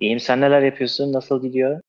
İyiyim, sen neler yapıyorsun? Nasıl gidiyor?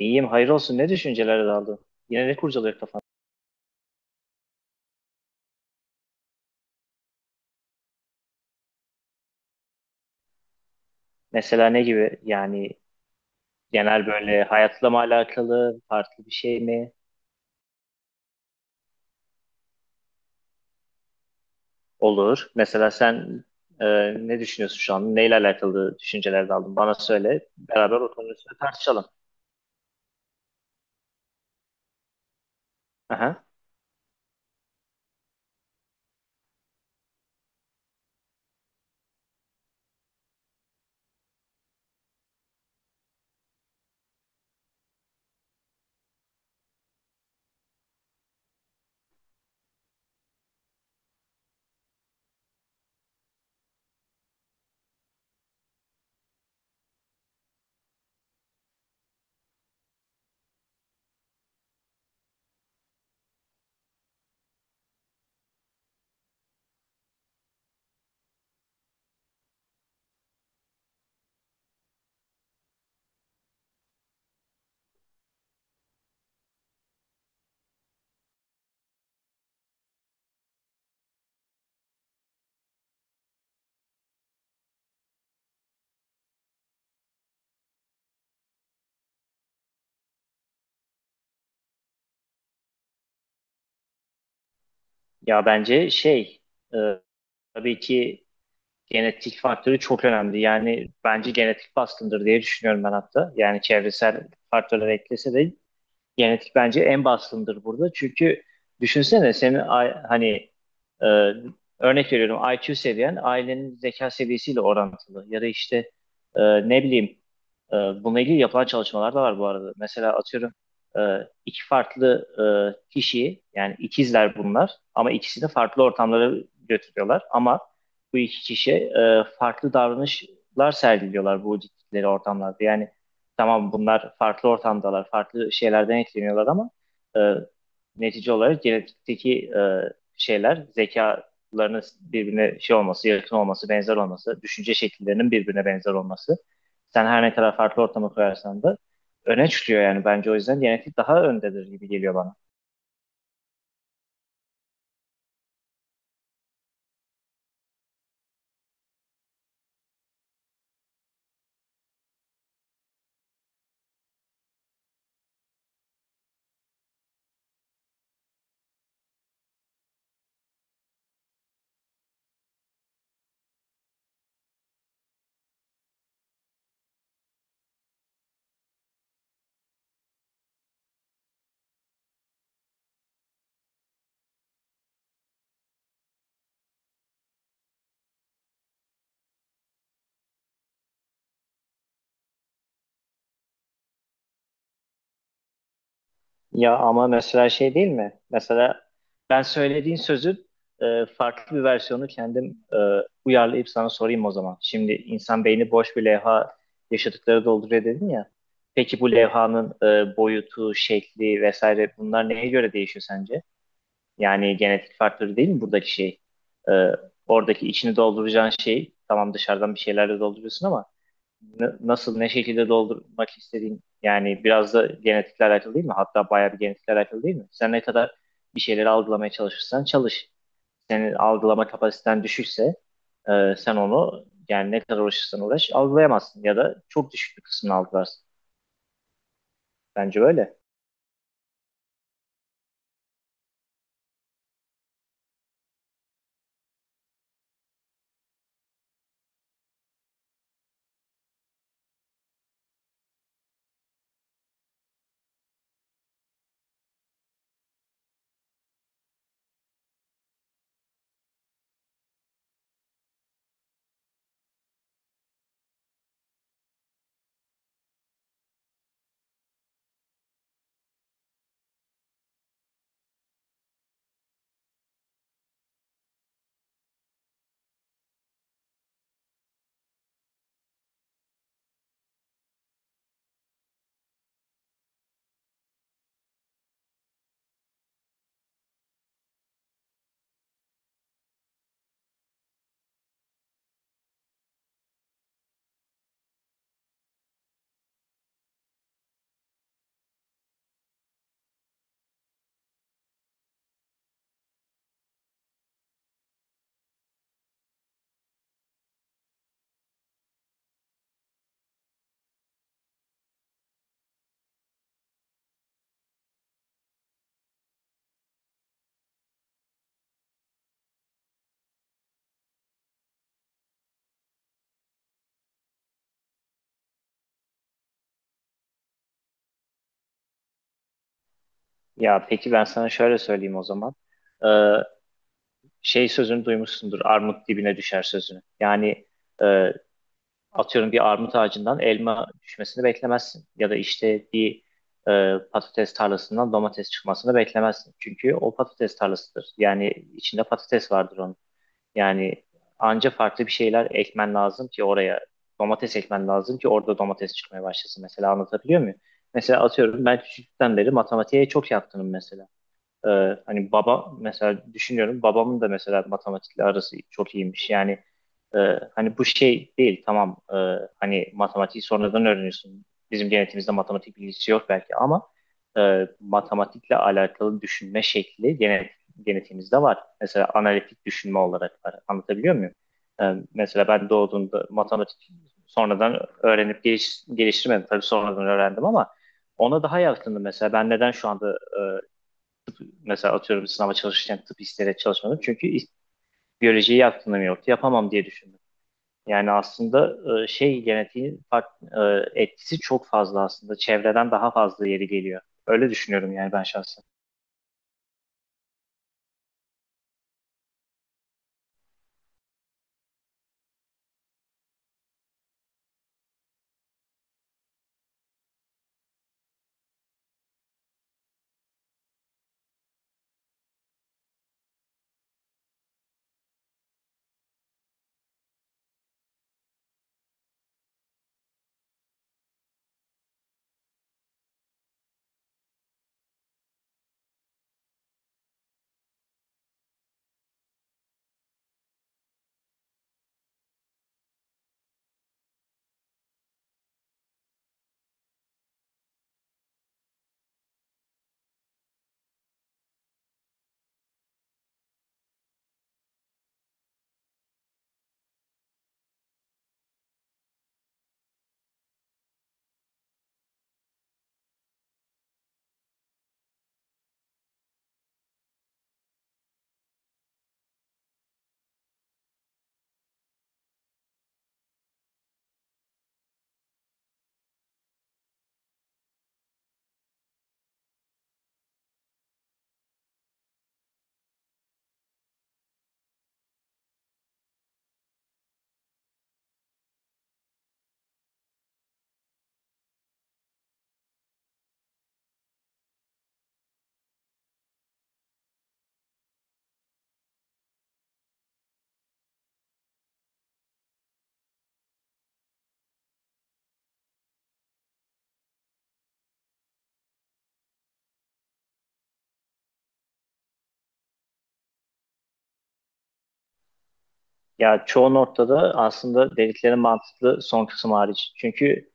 İyiyim, hayır olsun, ne düşüncelere daldın? Yine ne kurcalıyor kafan? Mesela ne gibi yani, genel böyle hayatla mı alakalı, farklı bir şey mi? Olur. Mesela sen e, ne düşünüyorsun şu an? Neyle alakalı düşüncelere daldın? Bana söyle. Beraber oturun üstüne tartışalım. Aha. Ya bence şey, e, tabii ki genetik faktörü çok önemli. Yani bence genetik baskındır diye düşünüyorum ben hatta. Yani çevresel faktörler eklese de genetik bence en baskındır burada. Çünkü düşünsene senin hani, e, örnek veriyorum IQ seviyen ailenin zeka seviyesiyle orantılı. Ya da işte, e, ne bileyim, bununla ilgili yapılan çalışmalar da var bu arada. Mesela atıyorum e, iki farklı kişiyi, yani ikizler bunlar ama ikisini farklı ortamlara götürüyorlar. Ama bu iki kişi farklı davranışlar sergiliyorlar bu gittikleri ortamlarda. Yani tamam, bunlar farklı ortamdalar, farklı şeylerden etkileniyorlar ama e, netice olarak genetikteki şeyler, zekalarının birbirine şey olması, yakın olması, benzer olması, düşünce şekillerinin birbirine benzer olması. Sen her ne kadar farklı ortama koyarsan da öne çıkıyor. Yani bence o yüzden genetik daha öndedir gibi geliyor bana. Ya ama mesela şey değil mi? Mesela ben söylediğin sözün farklı bir versiyonu kendim e, uyarlayıp sana sorayım o zaman. Şimdi insan beyni boş bir levha, yaşadıkları dolduruyor dedin ya. Peki bu levhanın boyutu, şekli vesaire, bunlar neye göre değişiyor sence? Yani genetik faktörü değil mi buradaki şey? E, Oradaki içini dolduracağın şey, tamam, dışarıdan bir şeylerle dolduruyorsun ama nasıl ne şekilde doldurmak istediğin yani biraz da genetikle alakalı değil mi? Hatta bayağı bir genetikle alakalı değil mi? Sen ne kadar bir şeyleri algılamaya çalışırsan çalış. Senin algılama kapasiten düşükse sen onu, yani ne kadar uğraşırsan uğraş algılayamazsın ya da çok düşük bir kısmını algılarsın. Bence öyle. Ya peki ben sana şöyle söyleyeyim o zaman. E, Şey sözünü duymuşsundur, armut dibine düşer sözünü. Yani e, atıyorum bir armut ağacından elma düşmesini beklemezsin. Ya da işte bir patates tarlasından domates çıkmasını beklemezsin. Çünkü o patates tarlasıdır. Yani içinde patates vardır onun. Yani anca farklı bir şeyler ekmen lazım ki oraya, domates ekmen lazım ki orada domates çıkmaya başlasın. Mesela anlatabiliyor muyum? Mesela atıyorum ben küçüklükten beri matematiğe çok yatkınım mesela. Hani baba, mesela düşünüyorum babamın da mesela matematikle arası çok iyiymiş. Yani e, hani bu şey değil, tamam, hani matematiği sonradan öğreniyorsun. Bizim genetimizde matematik bilgisi yok belki ama matematikle alakalı düşünme şekli genetimizde var. Mesela analitik düşünme olarak var. Anlatabiliyor muyum? Mesela ben doğduğumda matematik sonradan öğrenip geliştirmedim. Tabii sonradan öğrendim ama ona daha yakındım mesela. Ben neden şu anda e, mesela atıyorum sınava çalışırken tıp isteyerek çalışmadım. Çünkü biyolojiyi aklımda yoktu. Yapamam diye düşündüm. Yani aslında şey, genetiğin etkisi çok fazla aslında. Çevreden daha fazla, yeri geliyor. Öyle düşünüyorum yani ben şahsen. Ya çoğu noktada aslında dedikleri mantıklı, son kısım hariç. Çünkü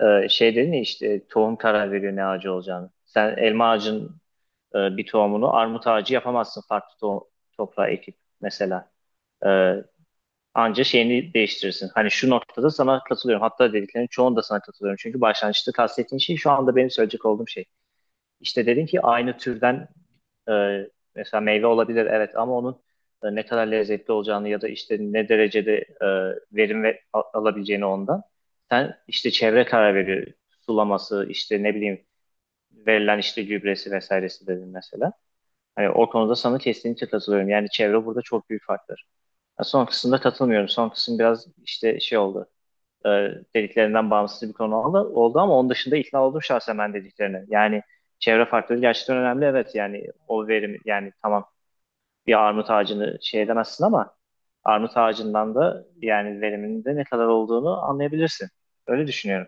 şey dedin ya, işte tohum karar veriyor ne ağacı olacağını. Sen elma ağacın bir tohumunu armut ağacı yapamazsın farklı toprağa ekip mesela. E, Anca şeyini değiştirirsin. Hani şu noktada sana katılıyorum. Hatta dediklerinin çoğunda sana katılıyorum. Çünkü başlangıçta kastettiğin şey şu anda benim söyleyecek olduğum şey. İşte dedin ki aynı türden e, mesela meyve olabilir evet, ama onun ne kadar lezzetli olacağını ya da işte ne derecede e, verim alabileceğini ondan. Sen, işte çevre karar veriyor. Sulaması, işte ne bileyim, verilen işte gübresi vesairesi dedin mesela. Hani o konuda sana kesinlikle katılıyorum. Yani çevre burada çok büyük faktör. Ha, son kısımda katılmıyorum. Son kısım biraz işte şey oldu. E, Dediklerinden bağımsız bir konu oldu, ama onun dışında ikna oldum şahsen ben dediklerine. Yani çevre faktörü gerçekten önemli. Evet, yani o verim, yani tamam, bir armut ağacını şey edemezsin ama armut ağacından da yani veriminin de ne kadar olduğunu anlayabilirsin. Öyle düşünüyorum.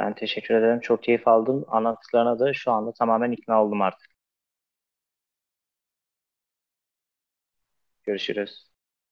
Ben teşekkür ederim. Çok keyif aldım. Anlattıklarına da şu anda tamamen ikna oldum artık. Görüşürüz.